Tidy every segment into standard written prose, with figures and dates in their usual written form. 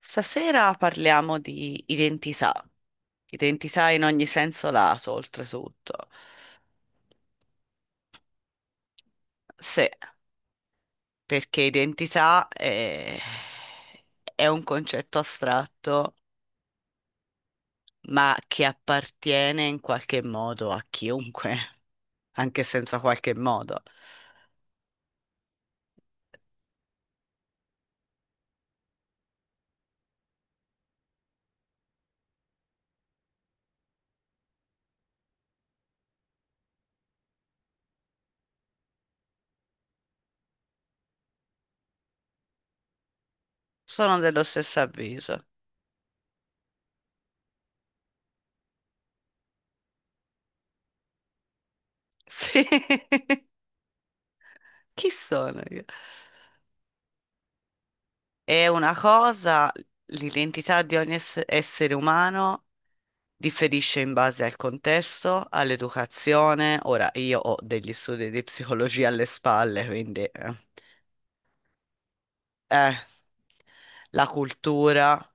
Stasera parliamo di identità, identità in ogni senso lato, oltretutto. Sì, perché identità è un concetto astratto, ma che appartiene in qualche modo a chiunque, anche senza qualche modo. Sono dello stesso avviso. Sì, chi sono io? È una cosa, l'identità di ogni essere umano differisce in base al contesto, all'educazione. Ora, io ho degli studi di psicologia alle spalle, quindi eh, la cultura,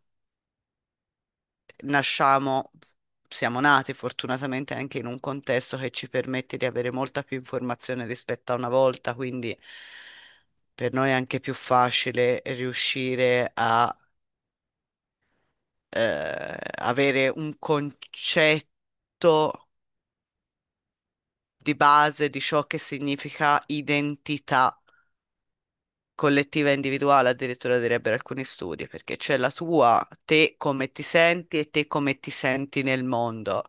nasciamo, siamo nati fortunatamente anche in un contesto che ci permette di avere molta più informazione rispetto a una volta, quindi per noi è anche più facile riuscire a avere un concetto di base di ciò che significa identità collettiva e individuale, addirittura direbbero alcuni studi, perché c'è la tua, te come ti senti e te come ti senti nel mondo.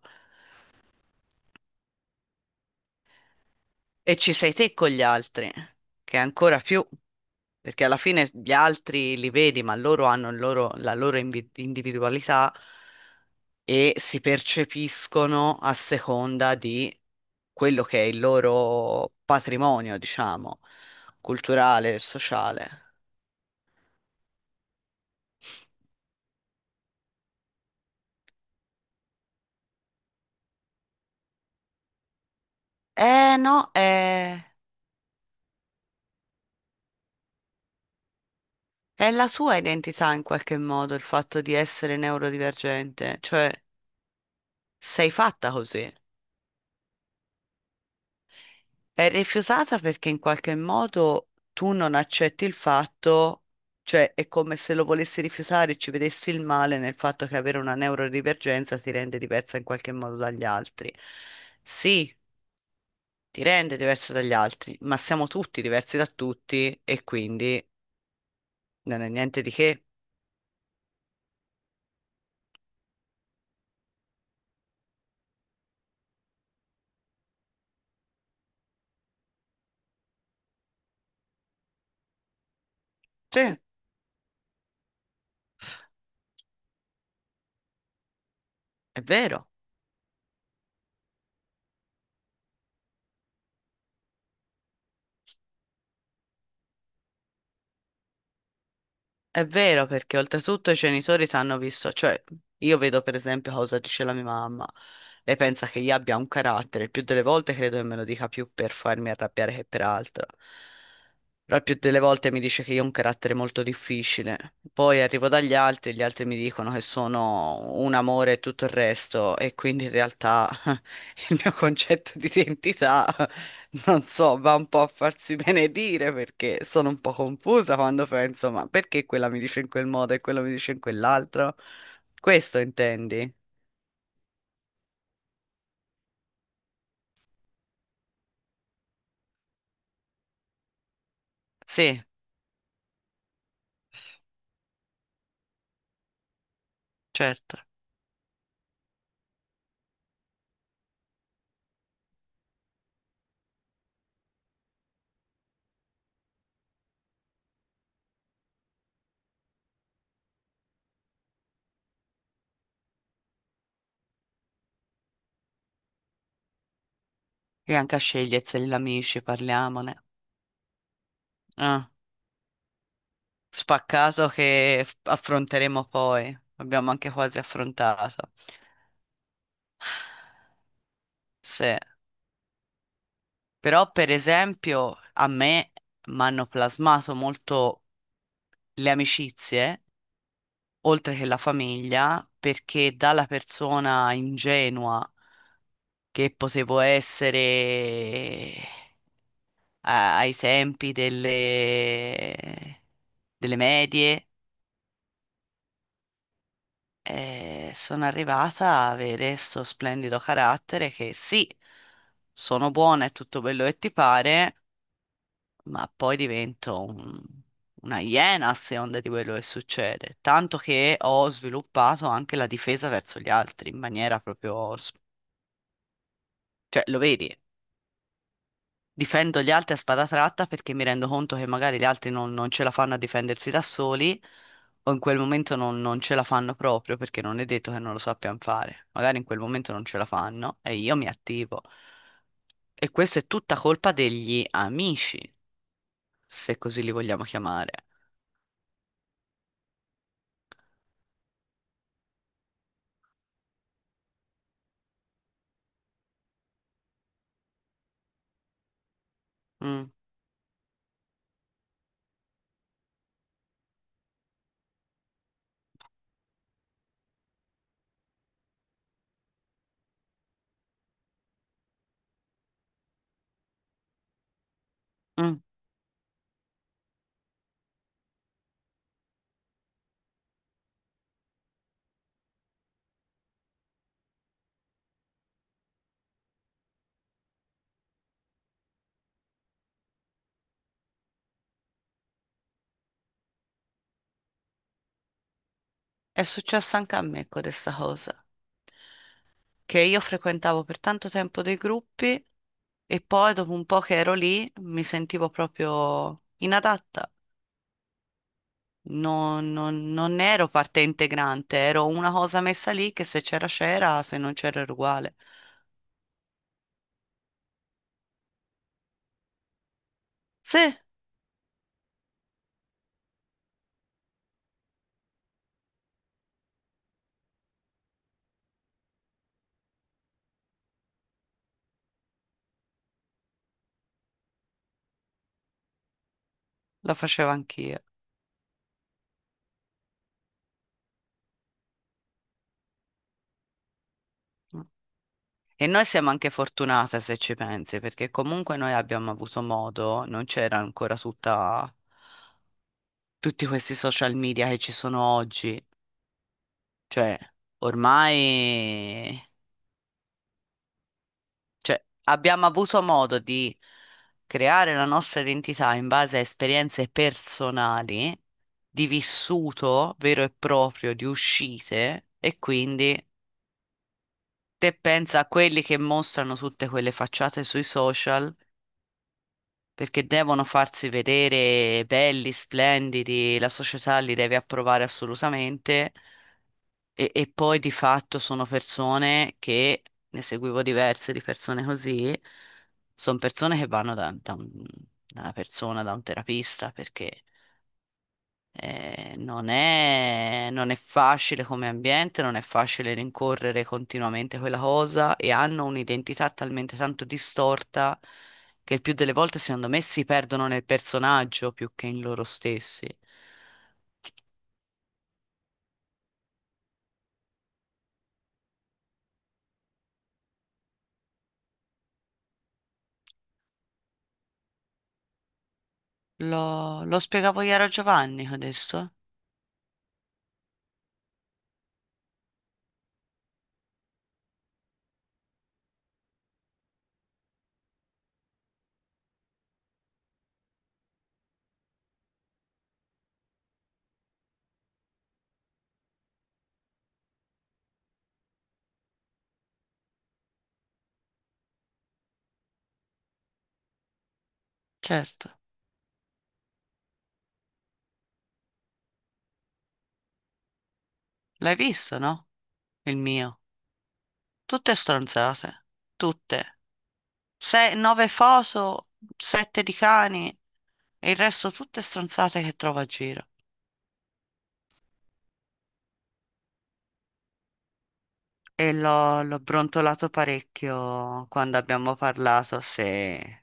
E ci sei te con gli altri, che è ancora più, perché alla fine gli altri li vedi, ma loro hanno il la loro individualità e si percepiscono a seconda di quello che è il loro patrimonio, diciamo, culturale e sociale. Eh no, eh. È la sua identità in qualche modo il fatto di essere neurodivergente, cioè sei fatta così. È rifiutata perché in qualche modo tu non accetti il fatto, cioè è come se lo volessi rifiutare e ci vedessi il male nel fatto che avere una neurodivergenza ti rende diversa in qualche modo dagli altri. Sì, ti rende diversa dagli altri, ma siamo tutti diversi da tutti e quindi non è niente di che. Sì, è vero. È vero perché oltretutto i genitori sanno visto, cioè io vedo per esempio cosa dice la mia mamma, lei pensa che io abbia un carattere, il più delle volte credo che me lo dica più per farmi arrabbiare che per altro. La più delle volte mi dice che io ho un carattere molto difficile, poi arrivo dagli altri, gli altri mi dicono che sono un amore e tutto il resto, e quindi in realtà il mio concetto di identità, non so, va un po' a farsi benedire perché sono un po' confusa quando penso, ma perché quella mi dice in quel modo e quello mi dice in quell'altro? Questo intendi? Sì, certo. E anche a sceglierseli gli amici, parliamone. Ah, spaccato che affronteremo poi. Abbiamo anche quasi affrontato. Sì. Però, per esempio, a me mi hanno plasmato molto le amicizie, oltre che la famiglia, perché dalla persona ingenua che potevo essere ai tempi delle medie, e sono arrivata a avere questo splendido carattere che sì, sono buona e tutto quello che ti pare, ma poi divento una iena a seconda di quello che succede. Tanto che ho sviluppato anche la difesa verso gli altri in maniera proprio... Cioè, lo vedi? Difendo gli altri a spada tratta perché mi rendo conto che magari gli altri non ce la fanno a difendersi da soli o in quel momento non ce la fanno proprio perché non è detto che non lo sappiano fare. Magari in quel momento non ce la fanno e io mi attivo. E questa è tutta colpa degli amici, se così li vogliamo chiamare. Mm, mm. È successo anche a me con questa cosa, che io frequentavo per tanto tempo dei gruppi e poi dopo un po' che ero lì mi sentivo proprio inadatta. Non ero parte integrante, ero una cosa messa lì che se c'era c'era, se non c'era era uguale. Sì, lo facevo anch'io. E noi siamo anche fortunate se ci pensi, perché comunque noi abbiamo avuto modo, non c'era ancora tutti questi social media che ci sono oggi. Cioè, ormai, cioè, abbiamo avuto modo di creare la nostra identità in base a esperienze personali, di vissuto vero e proprio, di uscite, e quindi te pensa a quelli che mostrano tutte quelle facciate sui social perché devono farsi vedere belli, splendidi, la società li deve approvare assolutamente. E poi di fatto sono persone che, ne seguivo diverse di persone così, sono persone che vanno da una persona, da un terapista, perché non è facile come ambiente, non è facile rincorrere continuamente quella cosa e hanno un'identità talmente tanto distorta che il più delle volte, secondo me, si perdono nel personaggio più che in loro stessi. Lo spiegavo ieri a Giovanni adesso? Certo. L'hai visto, no? Il mio. Tutte stronzate. Tutte. Nove foto, sette di cani e il resto tutte stronzate che trovo a giro. E l'ho brontolato parecchio quando abbiamo parlato, se...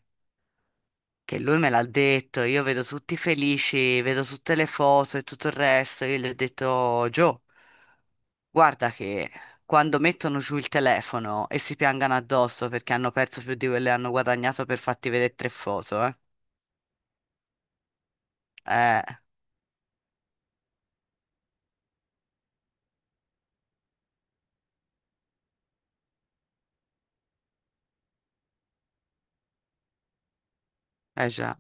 Che lui me l'ha detto, io vedo tutti felici, vedo tutte le foto e tutto il resto, io gli ho detto, Gio, guarda che quando mettono giù il telefono e si piangano addosso perché hanno perso più di quello che hanno guadagnato per farti vedere tre foto, eh. É, é já.